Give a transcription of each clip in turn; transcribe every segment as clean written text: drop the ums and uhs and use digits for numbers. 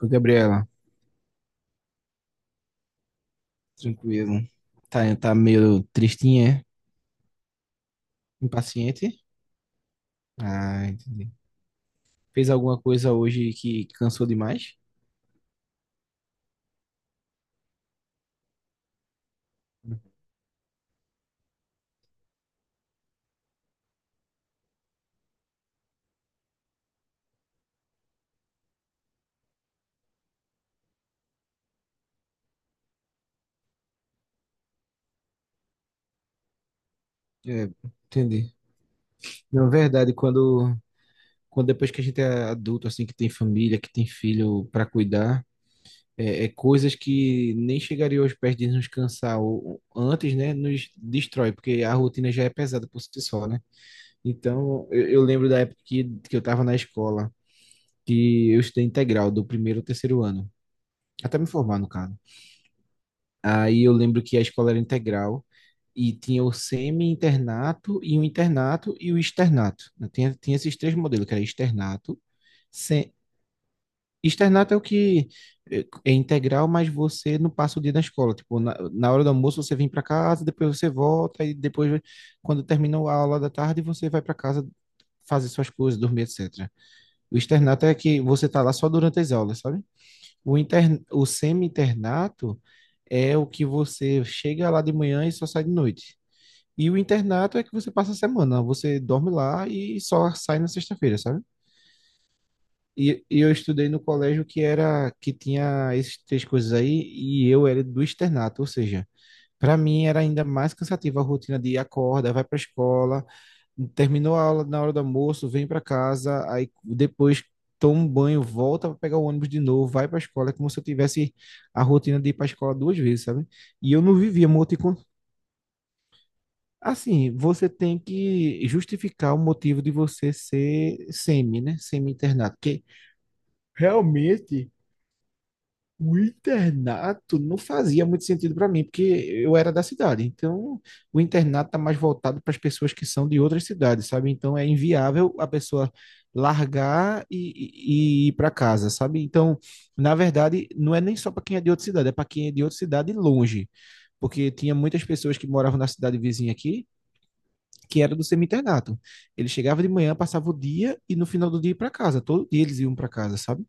Ô, Gabriela, tranquilo. Tá, tá meio tristinha, é? Impaciente? Ah, entendi. Fez alguma coisa hoje que cansou demais? É, entendi. Na verdade, quando depois que a gente é adulto, assim, que tem família, que tem filho para cuidar, é coisas que nem chegariam aos pés de nos cansar ou antes, né, nos destrói, porque a rotina já é pesada por si só, né? Então, eu lembro da que eu estava na escola, que eu estudei integral, do primeiro ao terceiro ano. Até me formar, no caso. Aí eu lembro que a escola era integral e tinha o semi-internato e o internato e o externato, né? Tinha esses três modelos, que era externato. se- Externato é o que é integral, mas você não passa o dia na escola. Tipo, na hora do almoço você vem para casa, depois você volta e depois, quando terminou a aula da tarde, você vai para casa fazer suas coisas, dormir, etc. O externato é que você tá lá só durante as aulas, sabe? O semi-internato é o que você chega lá de manhã e só sai de noite. E o internato é que você passa a semana, você dorme lá e só sai na sexta-feira, sabe? E eu estudei no colégio que tinha esses três coisas aí e eu era do externato, ou seja, para mim era ainda mais cansativa a rotina de acorda, vai para a escola, terminou a aula na hora do almoço, vem para casa, aí depois toma um banho, volta para pegar o ônibus de novo, vai para a escola, é como se eu tivesse a rotina de ir para a escola duas vezes, sabe? E eu não vivia Assim, você tem que justificar o motivo de você ser semi, né? Semi-internado, porque realmente, o internato não fazia muito sentido para mim, porque eu era da cidade. Então, o internato está mais voltado para as pessoas que são de outras cidades, sabe? Então, é inviável a pessoa largar e ir para casa, sabe? Então, na verdade, não é nem só para quem é de outra cidade, é para quem é de outra cidade longe, porque tinha muitas pessoas que moravam na cidade vizinha aqui, que era do semi-internato. Ele chegava de manhã, passava o dia e no final do dia ia para casa. Todo dia eles iam para casa, sabe?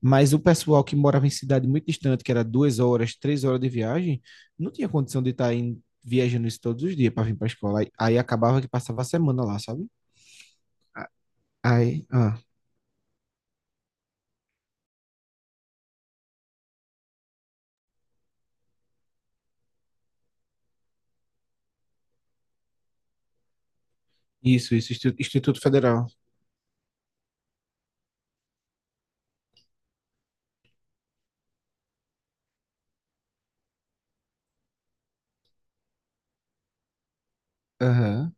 Mas o pessoal que morava em cidade muito distante, que era 2 horas, 3 horas de viagem, não tinha condição de estar em viajando isso todos os dias para vir para a escola. Aí acabava que passava a semana lá, sabe? Aí, ah, isso, Instituto Federal. Aham.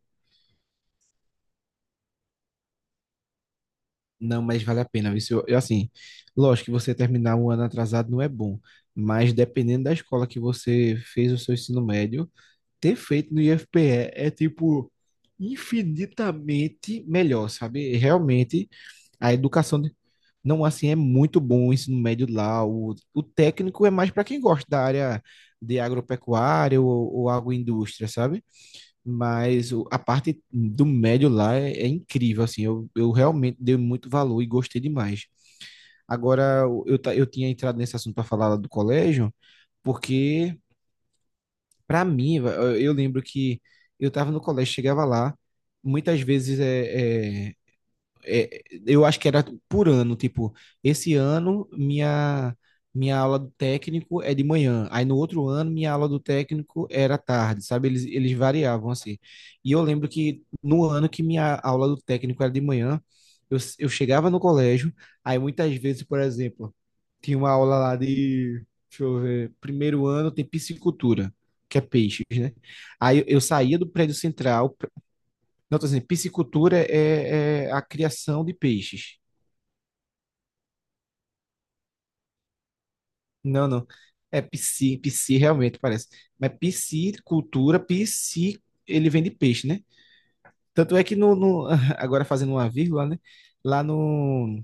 Não, mas vale a pena. Isso, assim, lógico que você terminar um ano atrasado não é bom, mas dependendo da escola que você fez o seu ensino médio, ter feito no IFPE é, tipo, infinitamente melhor, sabe? Realmente a não assim, é muito bom o ensino médio lá. O técnico é mais para quem gosta da área de agropecuária ou agroindústria, sabe? Mas a parte do médio lá é incrível, assim. Eu realmente dei muito valor e gostei demais. Agora, eu tinha entrado nesse assunto para falar lá do colégio, porque para mim, eu lembro que eu estava no colégio, chegava lá, muitas vezes eu acho que era por ano, tipo, esse ano minha aula do técnico é de manhã, aí no outro ano minha aula do técnico era à tarde, sabe? Eles variavam assim. E eu lembro que no ano que minha aula do técnico era de manhã, eu chegava no colégio, aí muitas vezes, por exemplo, tinha uma aula lá de, deixa eu ver, primeiro ano tem piscicultura, que é peixes, né? Eu saía do prédio central. Não, tô dizendo, piscicultura é a criação de peixes. Não, não. É pisci realmente parece. Mas pisci, ele vem de peixe, né? Tanto é que agora fazendo uma vírgula, né? Lá no,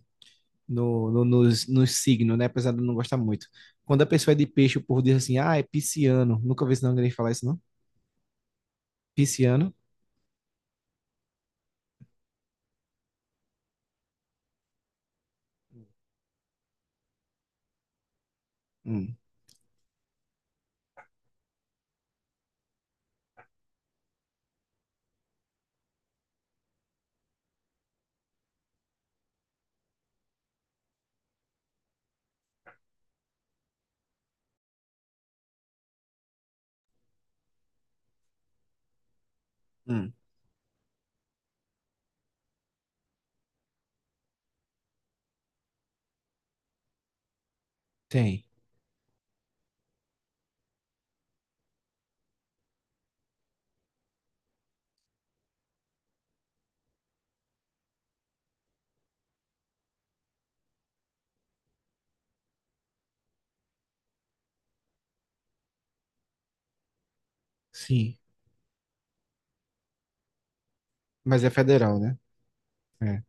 no, no, nos, nos signos, né? Apesar de eu não gostar muito. Quando a pessoa é de peixe, o povo diz assim, ah, é pisciano. Nunca vi esse nome ninguém falar isso, não? Pisciano? Hum. Hum, tem. Sim. Mas é federal, né? É,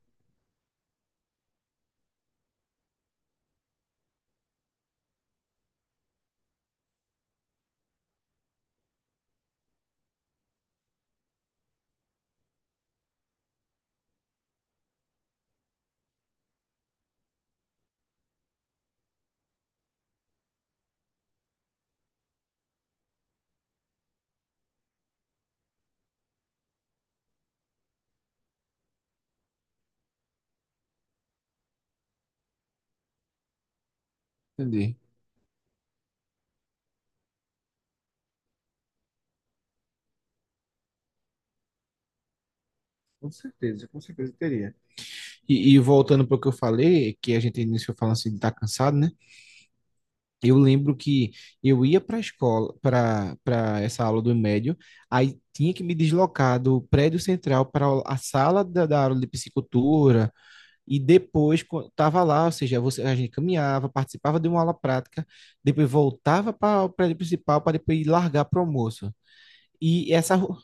entendi. Com certeza, teria. E voltando para o que eu falei, que a gente iniciou falando assim de estar cansado, né? Eu lembro que eu ia para a escola, para essa aula do médio, aí tinha que me deslocar do prédio central para a sala da aula de psicultura, e depois estava lá, ou seja, você, a gente caminhava, participava de uma aula prática, depois voltava para o prédio principal para depois ir largar para o almoço. E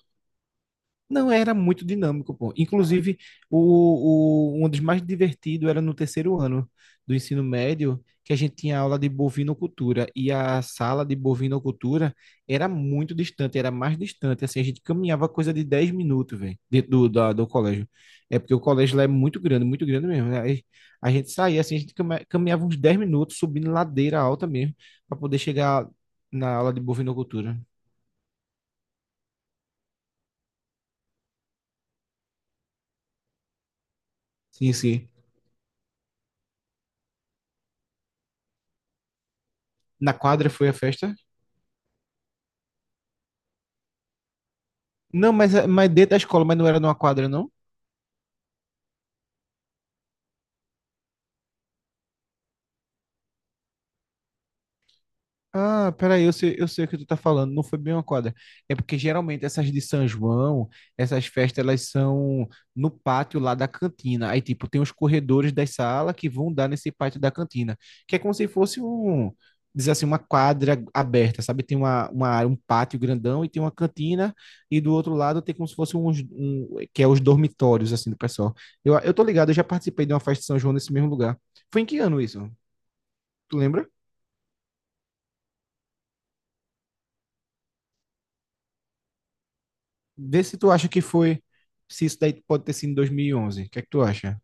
não era muito dinâmico, pô. Inclusive, um dos mais divertidos era no terceiro ano do ensino médio, que a gente tinha aula de bovinocultura. E a sala de bovinocultura era muito distante, era mais distante. Assim, a gente caminhava coisa de 10 minutos, velho, dentro do colégio. É porque o colégio lá é muito grande mesmo, né? Aí a gente saía, assim, a gente caminhava uns 10 minutos subindo ladeira alta mesmo, para poder chegar na aula de bovinocultura. Sim, sim. Na quadra foi a festa? Não, mas dentro da escola, mas não era numa quadra, não? Ah, peraí, eu sei o que tu tá falando, não foi bem uma quadra. É porque geralmente essas festas, elas são no pátio lá da cantina. Aí, tipo, tem os corredores da sala que vão dar nesse pátio da cantina, que é como se fosse dizer assim, uma quadra aberta, sabe? Tem uma área, um pátio grandão e tem uma cantina, e do outro lado tem como se fosse que é os dormitórios, assim, do pessoal. Eu tô ligado, eu já participei de uma festa de São João nesse mesmo lugar. Foi em que ano isso? Tu lembra? Vê se tu acha que foi, se isso daí pode ter sido em 2011. O que é que tu acha?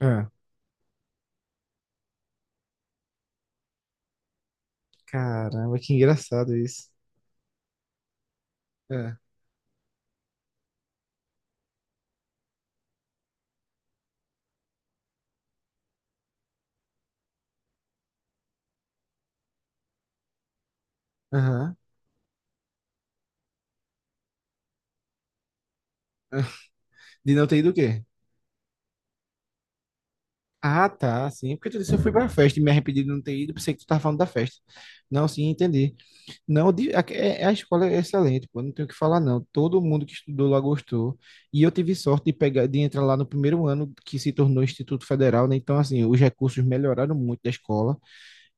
Ah, caramba, que engraçado isso. É. Aham. De não ter ido o quê? Ah, tá, sim. Porque tu disse que eu fui pra festa e me arrependi de não ter ido, pensei que tu tava falando da festa. Não, sim, entendi. Não, a escola é excelente, pô, não tenho o que falar, não. Todo mundo que estudou lá gostou. E eu tive sorte de pegar, de entrar lá no primeiro ano que se tornou Instituto Federal, né? Então, assim, os recursos melhoraram muito da escola.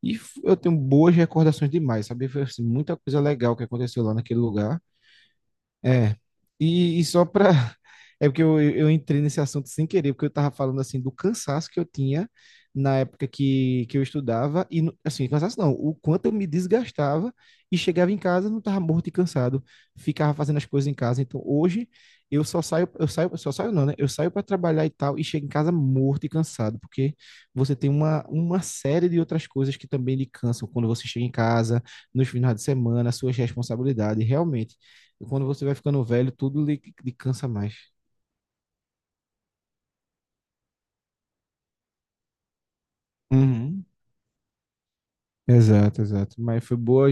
E eu tenho boas recordações demais, sabe? Foi assim, muita coisa legal que aconteceu lá naquele lugar. É, e só para. É porque eu entrei nesse assunto sem querer, porque eu estava falando assim do cansaço que eu tinha na época que eu estudava, e assim, cansaço não, o quanto eu me desgastava e chegava em casa, não estava morto e cansado, ficava fazendo as coisas em casa. Então hoje eu saio, só saio não, né? Eu saio para trabalhar e tal, e chego em casa morto e cansado, porque você tem uma série de outras coisas que também lhe cansam quando você chega em casa, nos finais de semana, suas responsabilidades, realmente. E quando você vai ficando velho, tudo lhe cansa mais. Uhum. Exato, exato. Mas foi boa,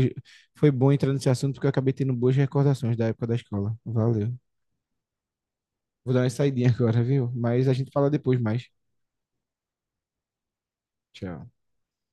foi bom entrar nesse assunto porque eu acabei tendo boas recordações da época da escola. Valeu. Vou dar uma saidinha agora, viu? Mas a gente fala depois mais. Tchau.